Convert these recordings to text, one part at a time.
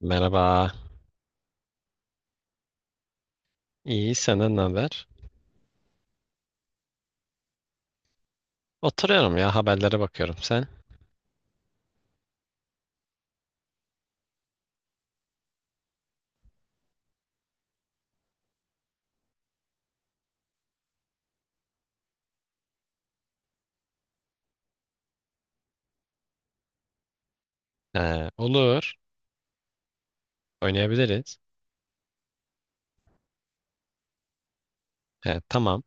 Merhaba. İyi, senden ne haber? Oturuyorum ya, haberlere bakıyorum. Sen? He, olur, oynayabiliriz. He, tamam,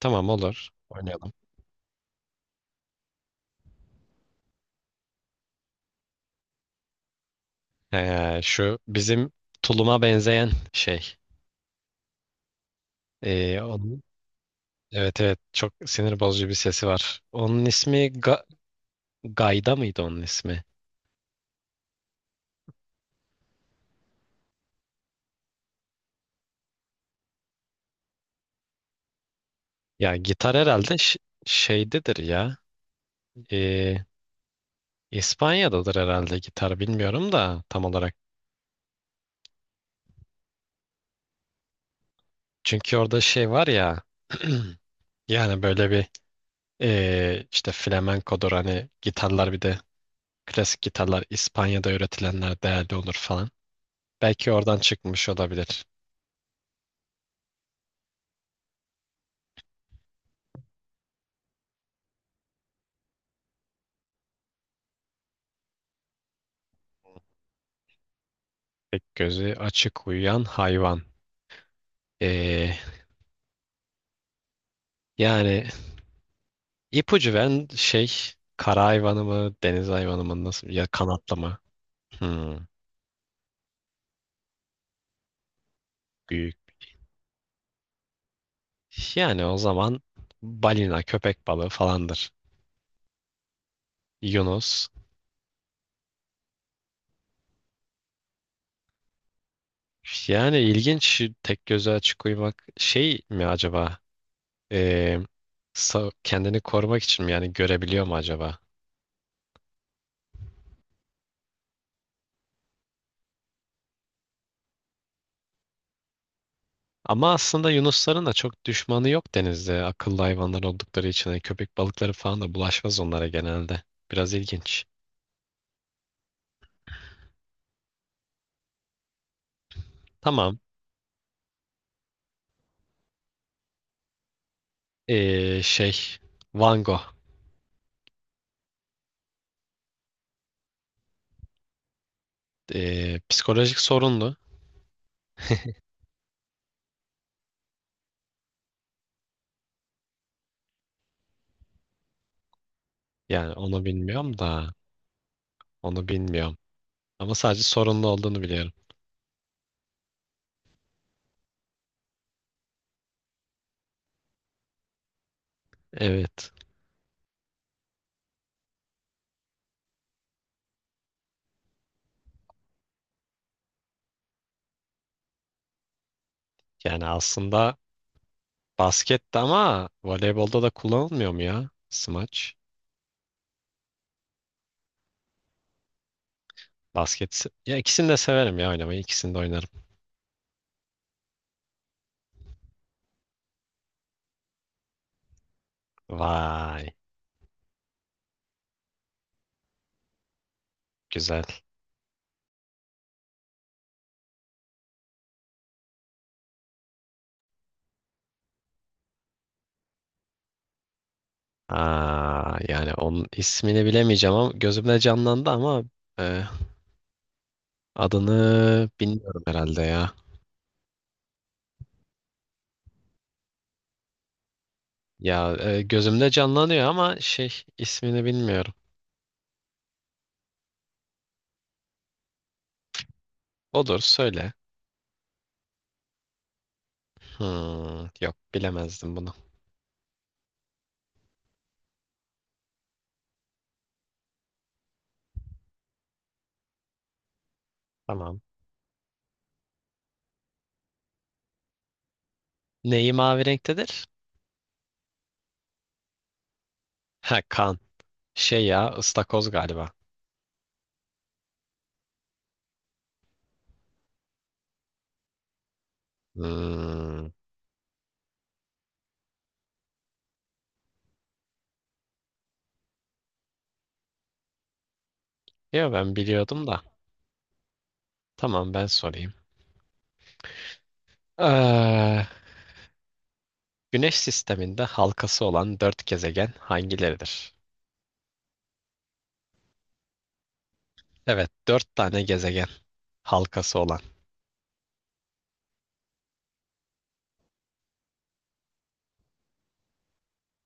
tamam olur. Oynayalım. He, şu bizim tuluma benzeyen şey. Ee, onun, evet evet, çok sinir bozucu bir sesi var. Onun ismi Gayda mıydı onun ismi? Ya gitar herhalde şeydedir ya. Ee, İspanya'dadır herhalde gitar, bilmiyorum da tam olarak. Çünkü orada şey var ya, yani böyle bir işte flamenkodur hani gitarlar bir de klasik gitarlar İspanya'da üretilenler değerli olur falan. Belki oradan çıkmış olabilir. Tek gözü açık uyuyan hayvan. Ee, yani ipucu veren şey kara hayvanı mı deniz hayvanı mı nasıl ya kanatlı mı? Hmm, büyük. Yani o zaman balina köpek balığı falandır. Yunus. Yani ilginç tek gözü açık uyumak şey mi acaba? Ee, kendini korumak için mi yani görebiliyor mu acaba? Ama aslında yunusların da çok düşmanı yok denizde. Akıllı hayvanlar oldukları için hani köpek balıkları falan da bulaşmaz onlara genelde. Biraz ilginç. Tamam. Şey, Van Gogh. Psikolojik sorunlu. Yani onu bilmiyorum da onu bilmiyorum. Ama sadece sorunlu olduğunu biliyorum. Evet. Yani aslında baskette ama voleybolda da kullanılmıyor mu ya? Smaç. Basket. Ya ikisini de severim ya oynamayı. İkisini de oynarım. Vay. Güzel. Aa, yani onun ismini bilemeyeceğim ama gözümde canlandı ama e, adını bilmiyorum herhalde ya. Ya gözümde canlanıyor ama şey ismini bilmiyorum. Odur söyle. Hmm, yok bilemezdim bunu. Tamam. Neyi mavi renktedir? Ha kan. Şey ya ıstakoz galiba. Hmm. Yo ben biliyordum da. Tamam ben sorayım. Ee, Güneş sisteminde halkası olan dört gezegen hangileridir? Evet, dört tane gezegen halkası olan.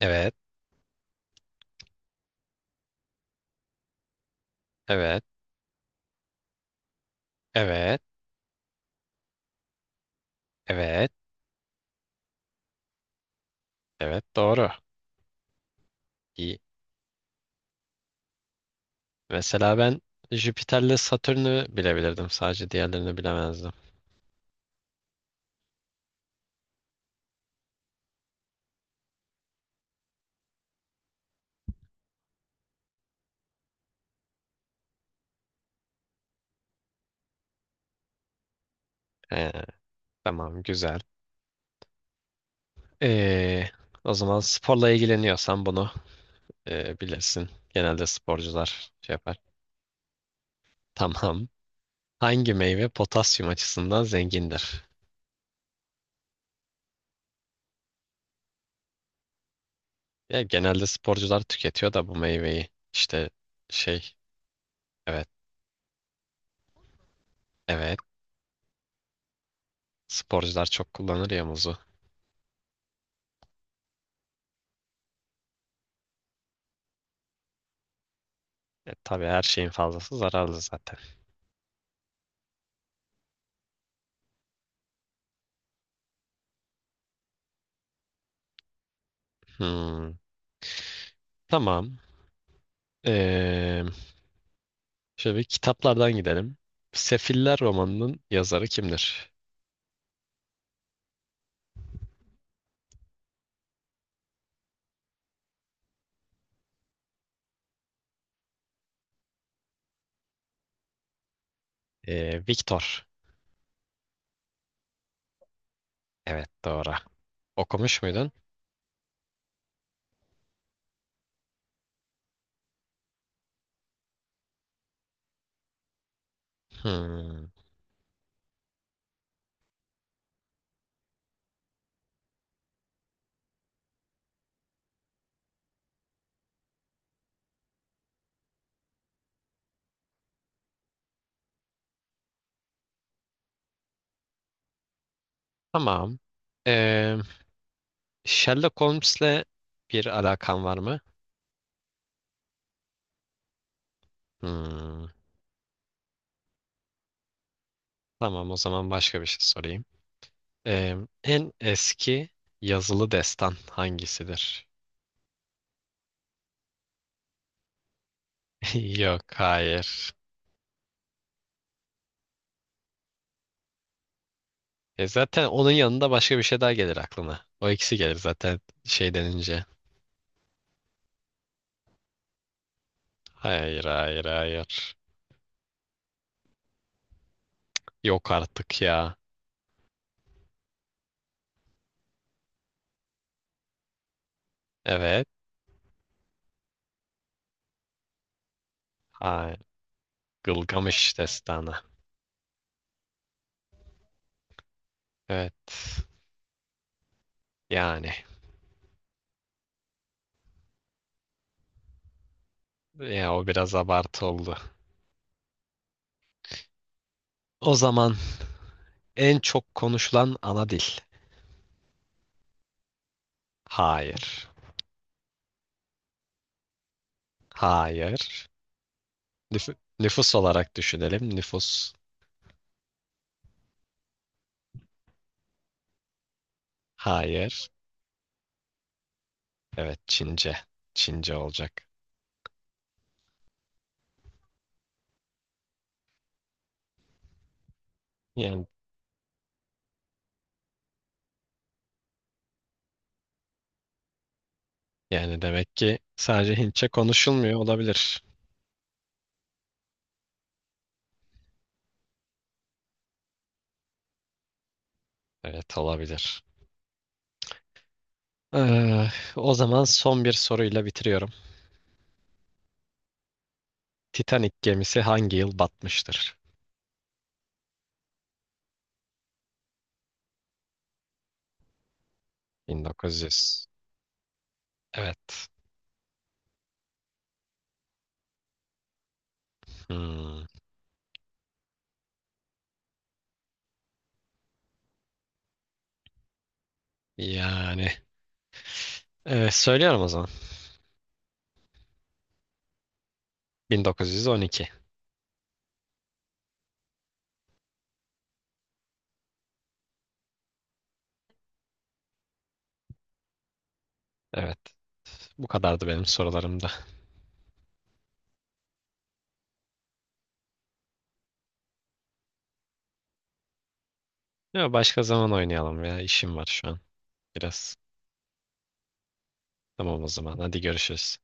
Evet, evet, evet, evet, evet, doğru. İyi. Mesela ben Jüpiter'le Satürn'ü bilebilirdim. Sadece diğerlerini bilemezdim. Ee, tamam, güzel. Ee, o zaman sporla ilgileniyorsan bunu bilirsin. Genelde sporcular şey yapar. Tamam. Hangi meyve potasyum açısından zengindir? Ya genelde sporcular tüketiyor da bu meyveyi. İşte şey, evet, evet. Sporcular çok kullanır ya muzu. E, tabii her şeyin fazlası zararlı zaten. Hmm, tamam. Ee, şöyle bir kitaplardan gidelim. Sefiller romanının yazarı kimdir? Victor. Evet, doğru. Okumuş muydun? Hmm, tamam. Ee, Sherlock Holmes'le bir alakan var mı? Hmm, tamam, o zaman başka bir şey sorayım. Eee, en eski yazılı destan hangisidir? Yok, hayır. E zaten onun yanında başka bir şey daha gelir aklına. O ikisi gelir zaten şey denince. Hayır, hayır, hayır. Yok artık ya. Evet. Hayır. Gılgamış destanı. Evet. Yani. Ya o biraz abartı oldu. O zaman en çok konuşulan ana dil. Hayır. Hayır. Nüfus olarak düşünelim. Nüfus. Hayır. Evet Çince. Çince olacak. Yani, yani demek ki sadece Hintçe konuşulmuyor olabilir. Evet olabilir. Ee, o zaman son bir soruyla bitiriyorum. Titanic gemisi hangi yıl batmıştır? 1900. Evet. Hmm. Yani söylüyorum o zaman. 1912. Evet. Bu kadardı benim sorularımda. Ya başka zaman oynayalım ya. İşim var şu an biraz. Tamam o zaman. Hadi görüşürüz.